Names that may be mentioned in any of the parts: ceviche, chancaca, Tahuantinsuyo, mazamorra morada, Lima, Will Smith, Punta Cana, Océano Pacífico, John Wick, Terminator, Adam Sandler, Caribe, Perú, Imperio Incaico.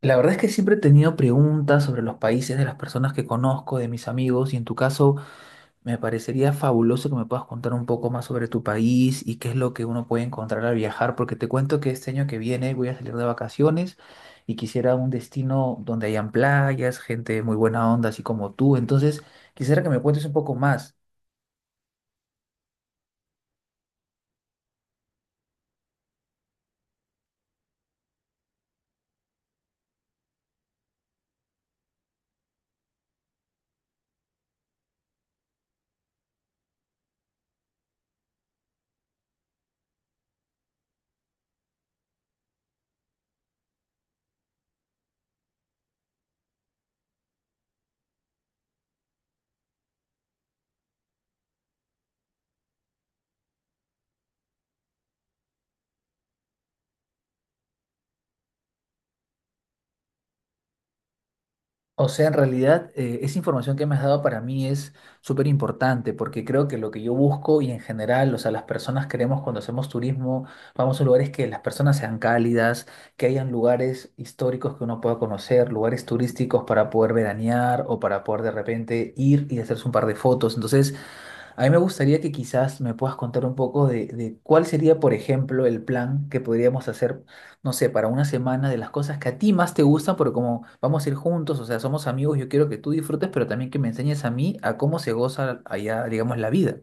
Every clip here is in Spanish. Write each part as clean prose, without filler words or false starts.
La verdad es que siempre he tenido preguntas sobre los países de las personas que conozco, de mis amigos, y en tu caso me parecería fabuloso que me puedas contar un poco más sobre tu país y qué es lo que uno puede encontrar al viajar, porque te cuento que este año que viene voy a salir de vacaciones y quisiera un destino donde hayan playas, gente muy buena onda, así como tú. Entonces, quisiera que me cuentes un poco más. O sea, en realidad, esa información que me has dado para mí es súper importante porque creo que lo que yo busco y en general, o sea, las personas queremos cuando hacemos turismo, vamos a lugares que las personas sean cálidas, que hayan lugares históricos que uno pueda conocer, lugares turísticos para poder veranear o para poder de repente ir y hacerse un par de fotos. Entonces, a mí me gustaría que quizás me puedas contar un poco de cuál sería, por ejemplo, el plan que podríamos hacer, no sé, para una semana de las cosas que a ti más te gustan, porque como vamos a ir juntos, o sea, somos amigos, yo quiero que tú disfrutes, pero también que me enseñes a mí a cómo se goza allá, digamos, la vida.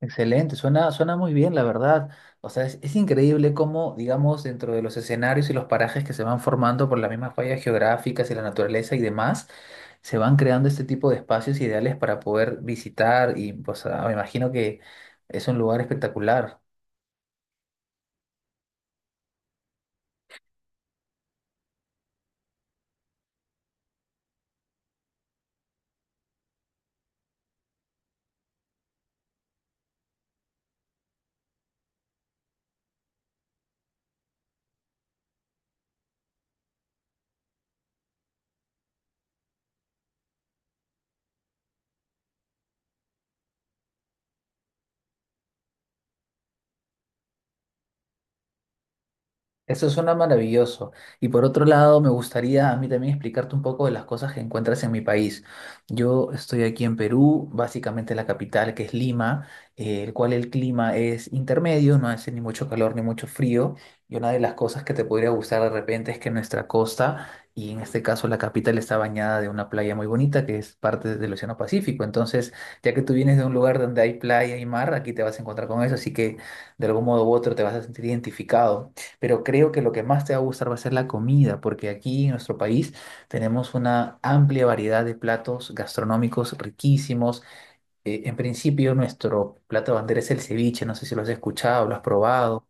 Excelente, suena muy bien, la verdad. O sea, es increíble cómo, digamos, dentro de los escenarios y los parajes que se van formando por las mismas fallas geográficas y la naturaleza y demás, se van creando este tipo de espacios ideales para poder visitar y, pues, ah, me imagino que es un lugar espectacular. Eso suena maravilloso. Y por otro lado, me gustaría a mí también explicarte un poco de las cosas que encuentras en mi país. Yo estoy aquí en Perú, básicamente la capital que es Lima, el cual el clima es intermedio, no hace ni mucho calor ni mucho frío. Y una de las cosas que te podría gustar de repente es que nuestra costa, y en este caso la capital, está bañada de una playa muy bonita que es parte del Océano Pacífico. Entonces, ya que tú vienes de un lugar donde hay playa y mar, aquí te vas a encontrar con eso, así que de algún modo u otro te vas a sentir identificado, pero creo que lo que más te va a gustar va a ser la comida, porque aquí en nuestro país tenemos una amplia variedad de platos gastronómicos riquísimos. En principio, nuestro plato bandera es el ceviche, no sé si lo has escuchado, lo has probado.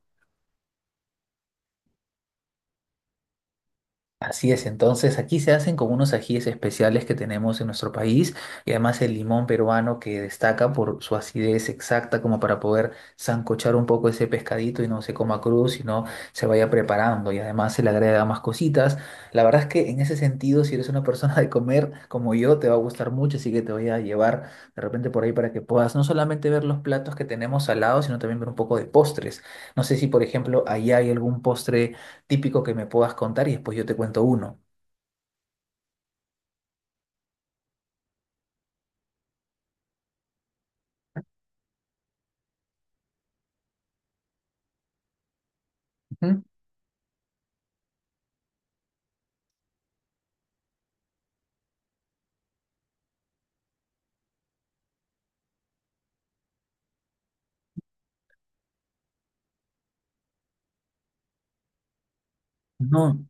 Así es, entonces aquí se hacen con unos ajíes especiales que tenemos en nuestro país y además el limón peruano que destaca por su acidez exacta como para poder sancochar un poco ese pescadito y no se coma crudo, sino se vaya preparando y además se le agrega más cositas. La verdad es que en ese sentido, si eres una persona de comer como yo, te va a gustar mucho, así que te voy a llevar de repente por ahí para que puedas no solamente ver los platos que tenemos al lado, sino también ver un poco de postres. No sé si, por ejemplo, allá hay algún postre típico que me puedas contar y después yo te cuento uno. Ujú. No,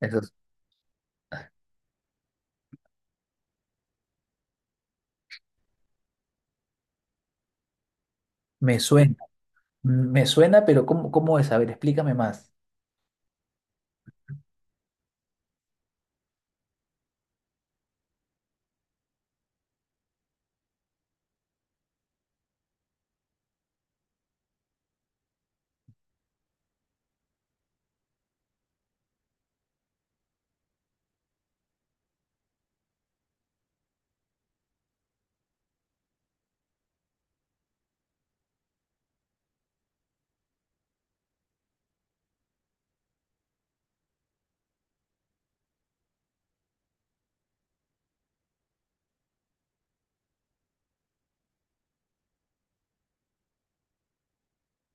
eso es- me suena, me suena, pero ¿cómo es? A ver, explícame más.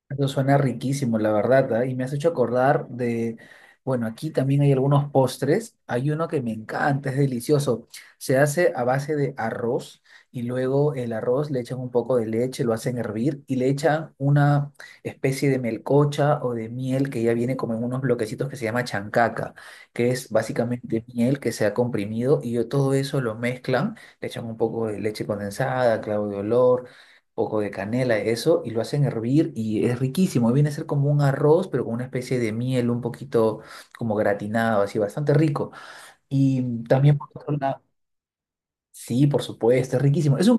Eso suena riquísimo, la verdad, ¿ah? Y me has hecho acordar de, bueno, aquí también hay algunos postres. Hay uno que me encanta, es delicioso. Se hace a base de arroz y luego el arroz le echan un poco de leche, lo hacen hervir y le echan una especie de melcocha o de miel que ya viene como en unos bloquecitos que se llama chancaca, que es básicamente miel que se ha comprimido y yo todo eso lo mezclan, le echan un poco de leche condensada, clavo de olor poco de canela, eso, y lo hacen hervir y es riquísimo. Viene a ser como un arroz, pero con una especie de miel un poquito como gratinado, así, bastante rico. Y también por otro lado, sí, por supuesto, es riquísimo. Es un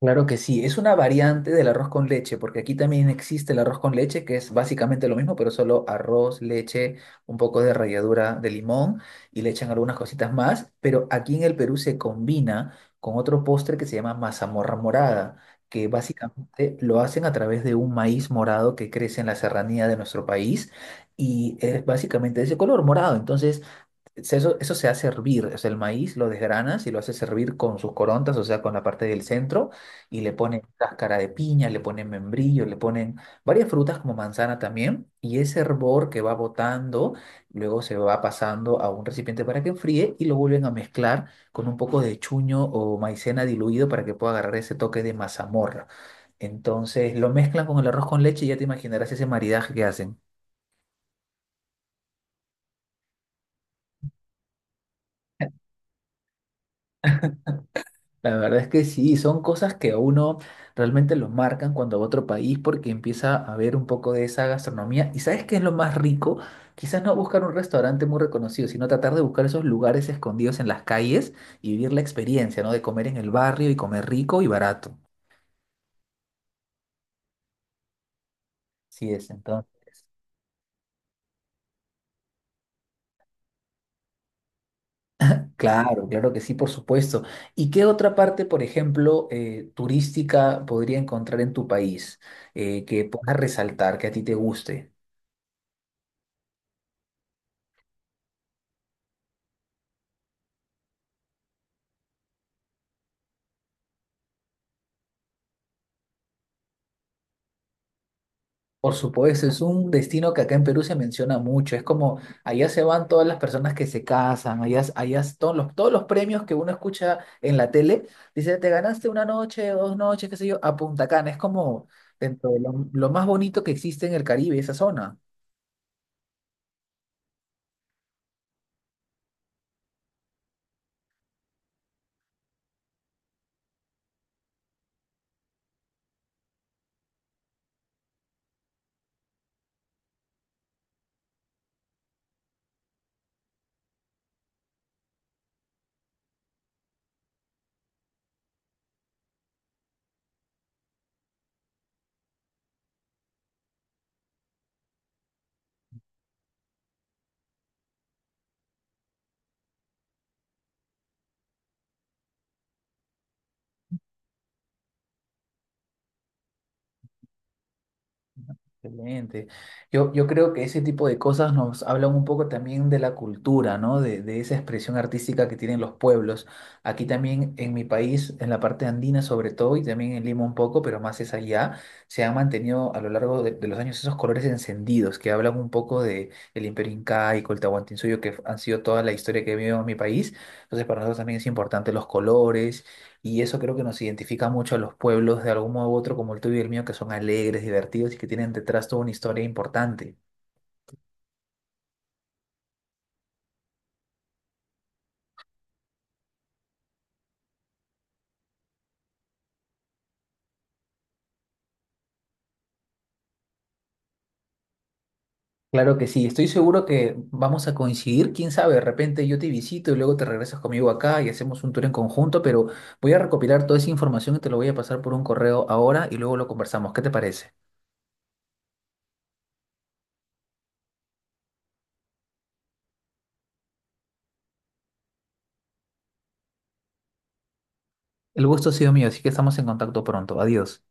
Claro que sí, es una variante del arroz con leche, porque aquí también existe el arroz con leche, que es básicamente lo mismo, pero solo arroz, leche, un poco de ralladura de limón y le echan algunas cositas más, pero aquí en el Perú se combina con otro postre que se llama mazamorra morada, que básicamente lo hacen a través de un maíz morado que crece en la serranía de nuestro país y es básicamente de ese color morado. Entonces Eso se hace hervir, o sea, el maíz lo desgranas y lo haces hervir con sus corontas, o sea, con la parte del centro, y le ponen cáscara de piña, le ponen membrillo, le ponen varias frutas como manzana también, y ese hervor que va botando, luego se va pasando a un recipiente para que enfríe y lo vuelven a mezclar con un poco de chuño o maicena diluido para que pueda agarrar ese toque de mazamorra. Entonces lo mezclan con el arroz con leche y ya te imaginarás ese maridaje que hacen. La verdad es que sí, son cosas que a uno realmente lo marcan cuando va a otro país porque empieza a ver un poco de esa gastronomía. ¿Y sabes qué es lo más rico? Quizás no buscar un restaurante muy reconocido, sino tratar de buscar esos lugares escondidos en las calles y vivir la experiencia, ¿no? De comer en el barrio y comer rico y barato. Sí es, entonces. Claro, claro que sí, por supuesto. ¿Y qué otra parte, por ejemplo, turística podría encontrar en tu país que pueda resaltar, que a ti te guste? Por supuesto, es un destino que acá en Perú se menciona mucho. Es como allá se van todas las personas que se casan, allá es todos los premios que uno escucha en la tele. Dice, te ganaste una noche, dos noches, qué sé yo, a Punta Cana. Es como dentro de lo más bonito que existe en el Caribe, esa zona. Excelente. Yo creo que ese tipo de cosas nos hablan un poco también de la cultura, ¿no? De esa expresión artística que tienen los pueblos. Aquí también en mi país, en la parte andina sobre todo, y también en Lima un poco, pero más es allá, se han mantenido a lo largo de los años esos colores encendidos que hablan un poco de el Imperio Incaico, el Tahuantinsuyo, que han sido toda la historia que vivido en mi país. Entonces para nosotros también es importante los colores y eso creo que nos identifica mucho a los pueblos de algún modo u otro, como el tuyo y el mío, que son alegres, divertidos y que tienen detrás toda una historia importante. Claro que sí, estoy seguro que vamos a coincidir, quién sabe, de repente yo te visito y luego te regresas conmigo acá y hacemos un tour en conjunto, pero voy a recopilar toda esa información y te lo voy a pasar por un correo ahora y luego lo conversamos. ¿Qué te parece? El gusto ha sido mío, así que estamos en contacto pronto. Adiós.